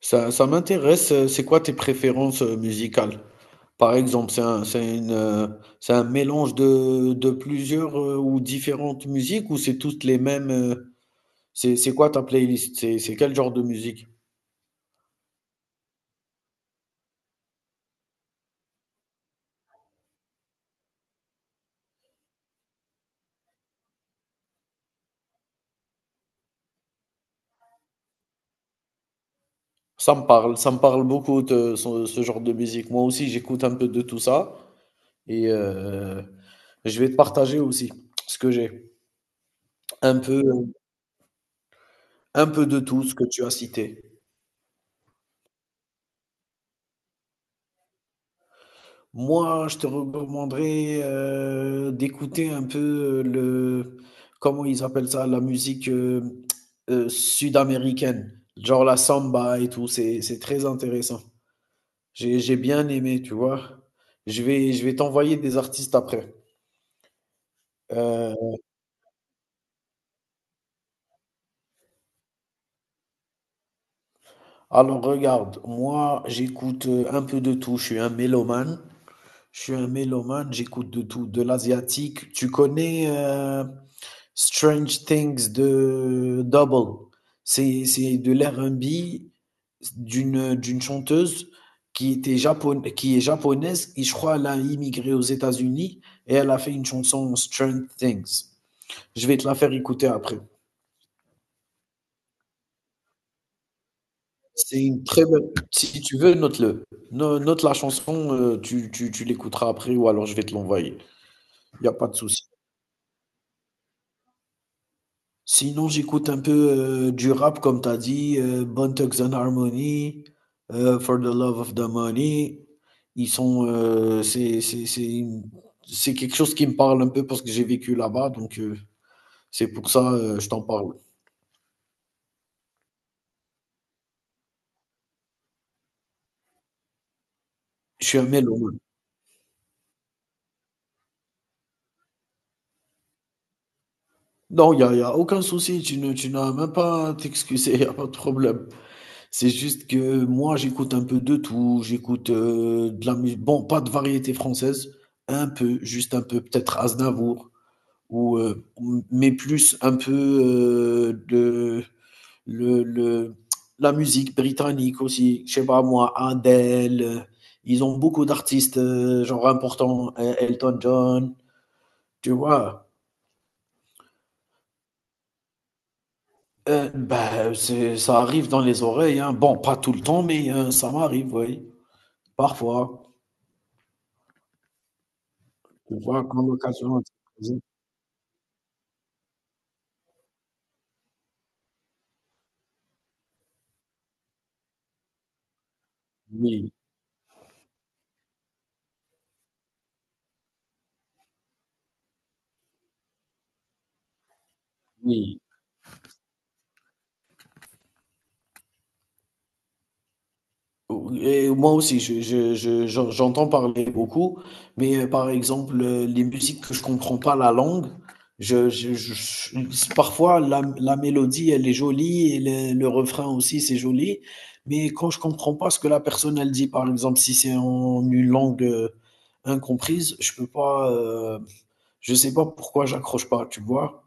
Ça m'intéresse, c'est quoi tes préférences musicales? Par exemple, c'est un mélange de plusieurs ou différentes musiques ou c'est toutes les mêmes? C'est quoi ta playlist? C'est quel genre de musique? Ça me parle beaucoup de ce genre de musique. Moi aussi, j'écoute un peu de tout ça et je vais te partager aussi ce que j'ai. Un peu. Un peu de tout ce que tu as cité. Moi, je te recommanderais, d'écouter un peu le comment ils appellent ça? La musique, sud-américaine, genre la samba et tout, c'est très intéressant. J'ai bien aimé, tu vois? Je vais t'envoyer des artistes après. Heu, alors regarde, moi, j'écoute, un peu de tout, je suis un mélomane, j'écoute de tout, de l'asiatique. Tu connais, Strange Things de Double. C'est de l'R&B d'une chanteuse qui est japonaise et je crois elle a immigré aux États-Unis et elle a fait une chanson Strange Things. Je vais te la faire écouter après. C'est une très bonne. Si tu veux, note-le. Note la chanson, tu l'écouteras après ou alors je vais te l'envoyer. Il n'y a pas de souci. Sinon, j'écoute un peu du rap, comme tu as dit, Bone Thugs and Harmony, For the Love of the Money. Ils sont, c'est une- c'est quelque chose qui me parle un peu parce que j'ai vécu là-bas, donc c'est pour ça je t'en parle. Je suis un mélomane. Non, y a aucun souci, tu n'as même pas à t'excuser, il n'y a pas de problème. C'est juste que moi, j'écoute un peu de tout, j'écoute de la musique, bon, pas de variété française, un peu, juste un peu, peut-être Aznavour ou mais plus un peu de le, le, la musique britannique aussi, je sais pas moi, Adele, ils ont beaucoup d'artistes genre importants, Elton John, tu vois. Bah, c'est, ça arrive dans les oreilles, hein. Bon, pas tout le temps, mais ça m'arrive, oui, parfois. Tu vois, quand l'occasion est présentée. Oui, oui. Et moi aussi, j'entends parler beaucoup, mais par exemple, les musiques que je comprends pas la langue, je, je- je- parfois la mélodie, elle est jolie et le refrain aussi, c'est joli, mais quand je comprends pas ce que la personne, elle dit, par exemple, si c'est en une langue incomprise, je peux pas, je sais pas pourquoi j'accroche pas, tu vois.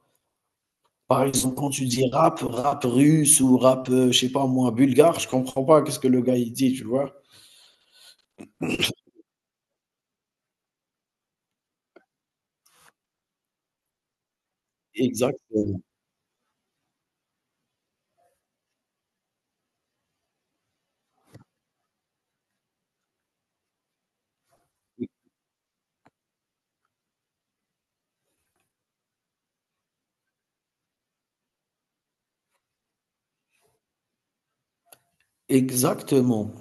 Par exemple, quand tu dis rap, rap russe ou rap, je sais pas moi, bulgare, je comprends pas qu'est-ce que le gars il dit, tu vois. Exactement, exactement.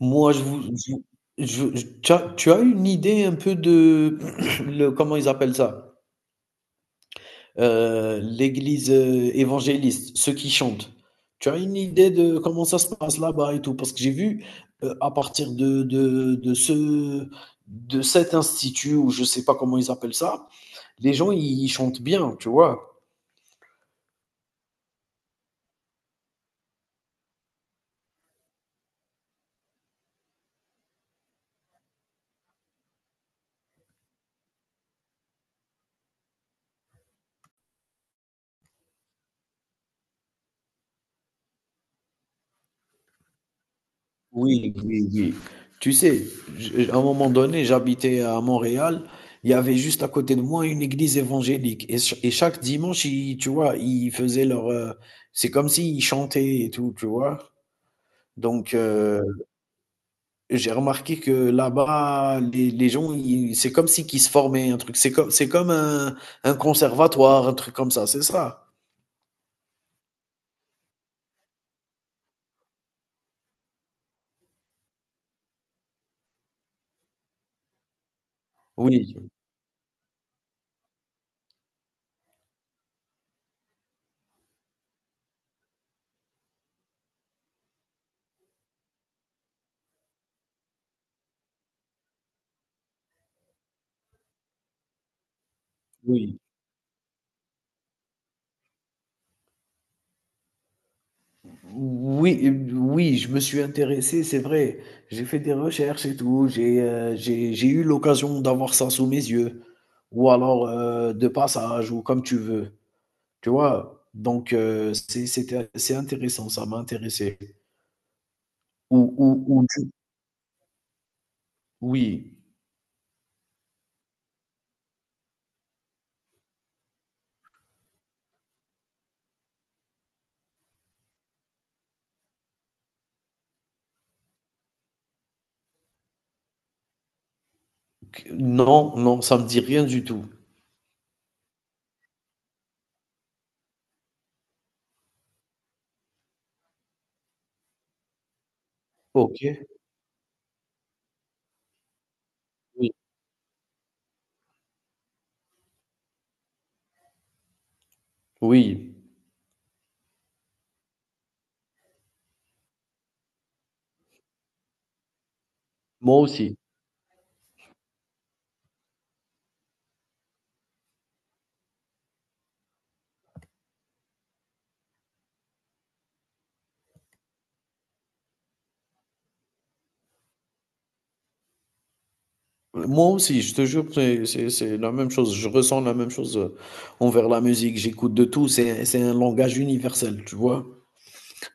Moi, je vous je vous- je tu as une idée un peu de le comment ils appellent ça? L'église, évangéliste, ceux qui chantent. Tu as une idée de comment ça se passe là-bas et tout? Parce que j'ai vu, à partir de ce de cet institut ou je sais pas comment ils appellent ça, les gens ils chantent bien, tu vois? Oui, oui, oui. Tu sais, à un moment donné, j'habitais à Montréal. Il y avait juste à côté de moi une église évangélique. Et, et chaque dimanche, tu vois, ils faisaient leur... c'est comme s'ils chantaient et tout, tu vois. Donc, j'ai remarqué que là-bas, les gens, c'est comme si qu'ils se formaient un truc. C'est comme un conservatoire, un truc comme ça, c'est ça. Oui, oui. Oui, oui, je me suis intéressé, c'est vrai. J'ai fait des recherches et tout. J'ai eu l'occasion d'avoir ça sous mes yeux. Ou alors de passage, ou comme tu veux. Tu vois? Donc, c'est intéressant, ça m'a intéressé. Ou, ou, ou du- oui. Non, non, ça me dit rien du tout. Ok. Oui. Oui. Moi aussi. Moi aussi, je te jure, c'est la même chose. Je ressens la même chose envers la musique. J'écoute de tout. C'est un langage universel, tu vois.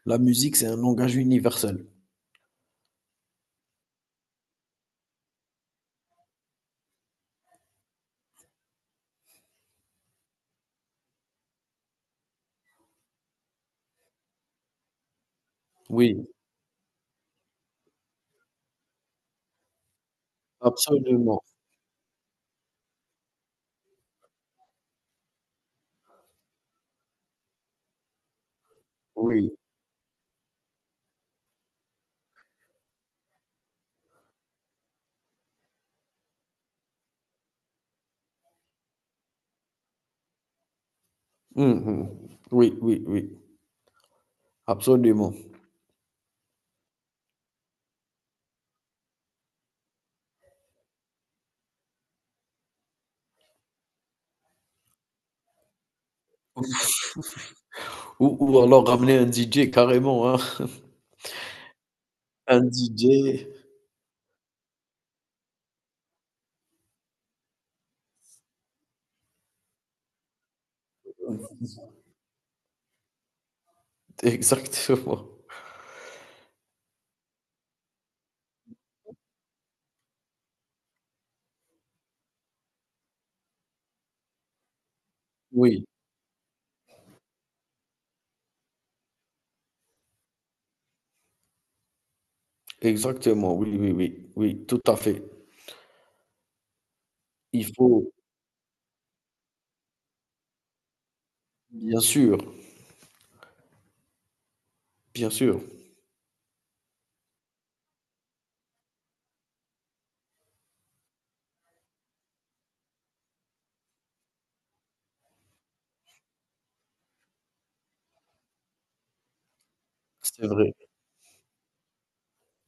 La musique, c'est un langage universel. Oui, absolument. Oui. Mhm. Oui, oui, oui. Absolument. Ou alors ramener un DJ carrément, hein. Un DJ. Exactement. Oui, exactement. Oui, oui, oui. Oui, tout à fait. Il faut, bien sûr, bien sûr. C'est vrai,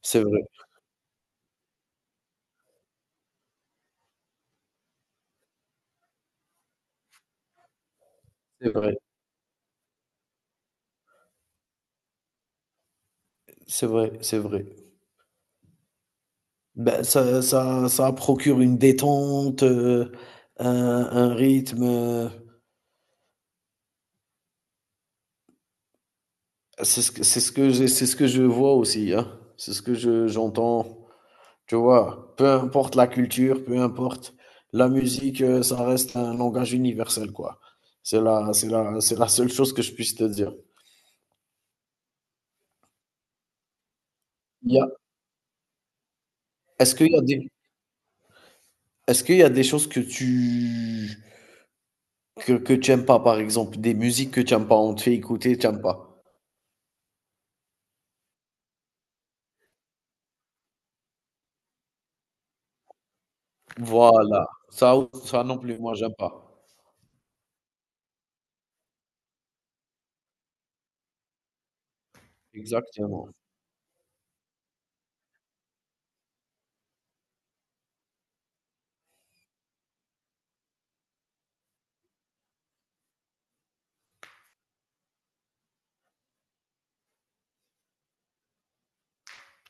c'est vrai, c'est vrai. C'est vrai, c'est vrai. Ben ça procure une détente, un un rythme, c'est ce que je vois aussi, hein. C'est ce que je j'entends, tu vois? Peu importe la culture, peu importe la musique, ça reste un langage universel, quoi. C'est la seule chose que je puisse te dire. Il y a Mmh. est-ce qu'il y a des est-ce qu'il y a des choses que tu aimes pas, par exemple, des musiques que tu aimes pas? On te fait écouter, tu aimes pas? Voilà, ça ou ça non plus, moi j'aime pas. Exactement,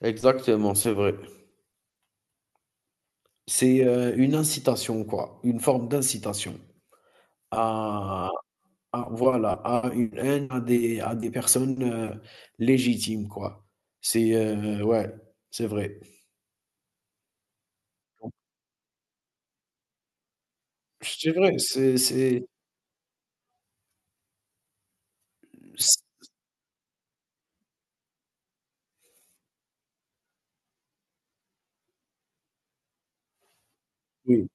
exactement, c'est vrai. C'est, une incitation quoi, une forme d'incitation à à voilà, à une haine, à des personnes, légitimes quoi. C'est, ouais, c'est vrai. Donc c'est vrai, c'est c oui,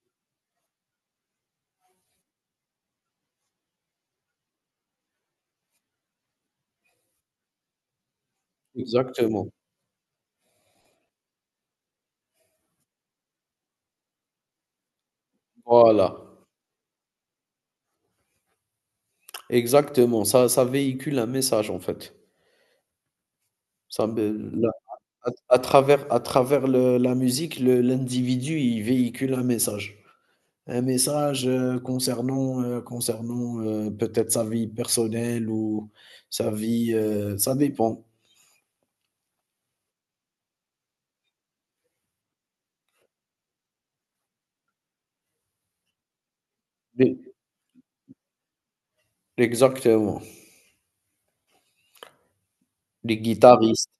exactement. Voilà, exactement, ça véhicule un message en fait. Ça me à travers le la musique, le l'individu, il véhicule un message. Un message, concernant, peut-être sa vie personnelle ou sa vie, ça dépend. Mais exactement, les guitaristes.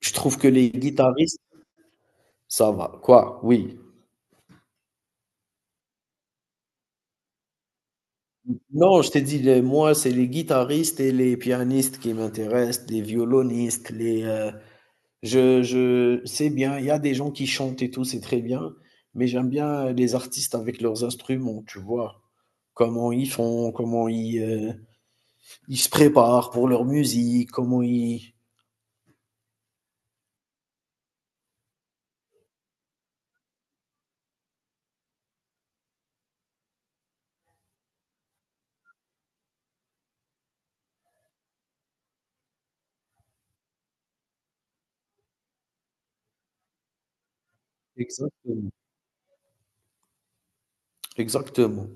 Je trouve que les guitaristes ça va. Quoi? Oui. Non, je t'ai dit les moi, c'est les guitaristes et les pianistes qui m'intéressent, les violonistes, je c'est bien, il y a des gens qui chantent et tout, c'est très bien, mais j'aime bien, les artistes avec leurs instruments, tu vois? Comment ils font, comment ils, ils se préparent pour leur musique, comment ils exactement, exactement.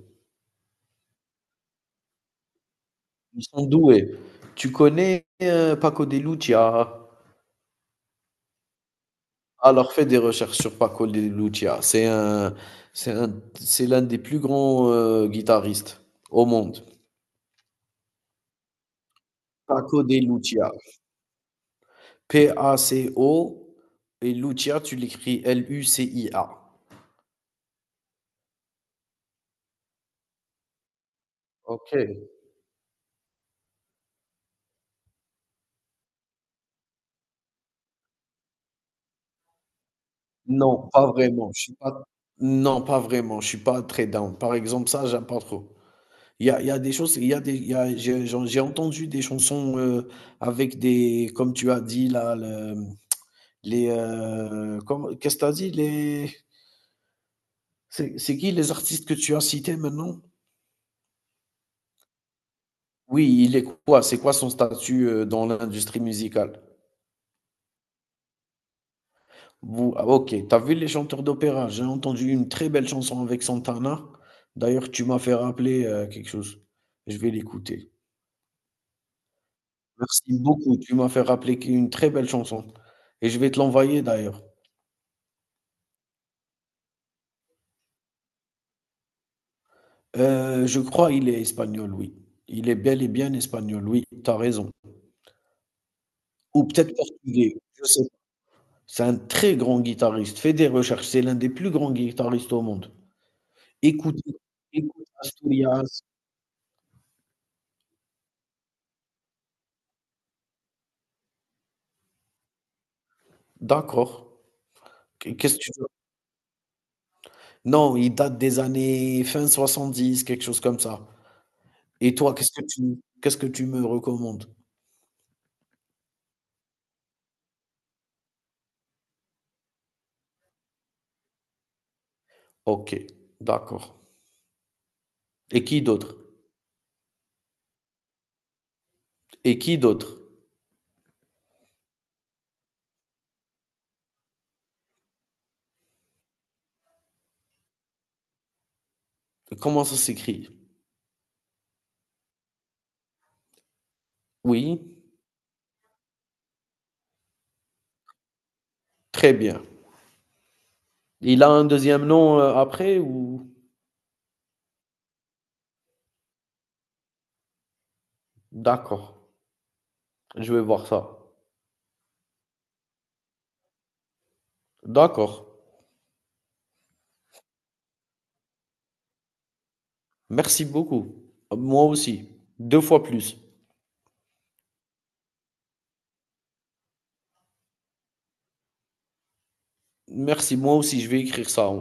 Ils sont doués. Tu connais, Paco de Lucia? Alors fais des recherches sur Paco de Lucia. C'est un c'est un c'est l'un des plus grands, guitaristes au monde. Paco de Lucia. Paco, et Lucia tu l'écris Lucia. OK. Non, pas vraiment. Je suis pas non, pas vraiment. Je suis pas très down. Par exemple, ça, j'aime pas trop. Il y a des choses, il y a des il y a j'ai j'ai entendu des chansons, avec des comme tu as dit là, comment qu'est-ce que tu as dit? Les c'est qui les artistes que tu as cités maintenant? Oui, il est quoi? C'est quoi son statut, dans l'industrie musicale? Vous ah OK, t'as vu les chanteurs d'opéra? J'ai entendu une très belle chanson avec Santana. D'ailleurs, tu m'as fait rappeler, quelque chose. Je vais l'écouter. Merci beaucoup, tu m'as fait rappeler qui une très belle chanson et je vais te l'envoyer d'ailleurs. Je crois il est espagnol, oui. Il est bel et bien espagnol, oui, tu as raison. Ou peut-être portugais, je sais pas. C'est un très grand guitariste, fais des recherches, c'est l'un des plus grands guitaristes au monde. Écoute écoute Asturias. D'accord. Qu'est-ce que tu veux? Non, il date des années fin 70, quelque chose comme ça. Et toi, qu'est-ce que tu me recommandes? OK, d'accord. Et qui d'autre? Et qui d'autre? Comment ça s'écrit? Oui, très bien. Il a un deuxième nom après ou... D'accord, je vais voir ça. D'accord. Merci beaucoup. Moi aussi. Deux fois plus. Merci, moi aussi, je vais écrire ça.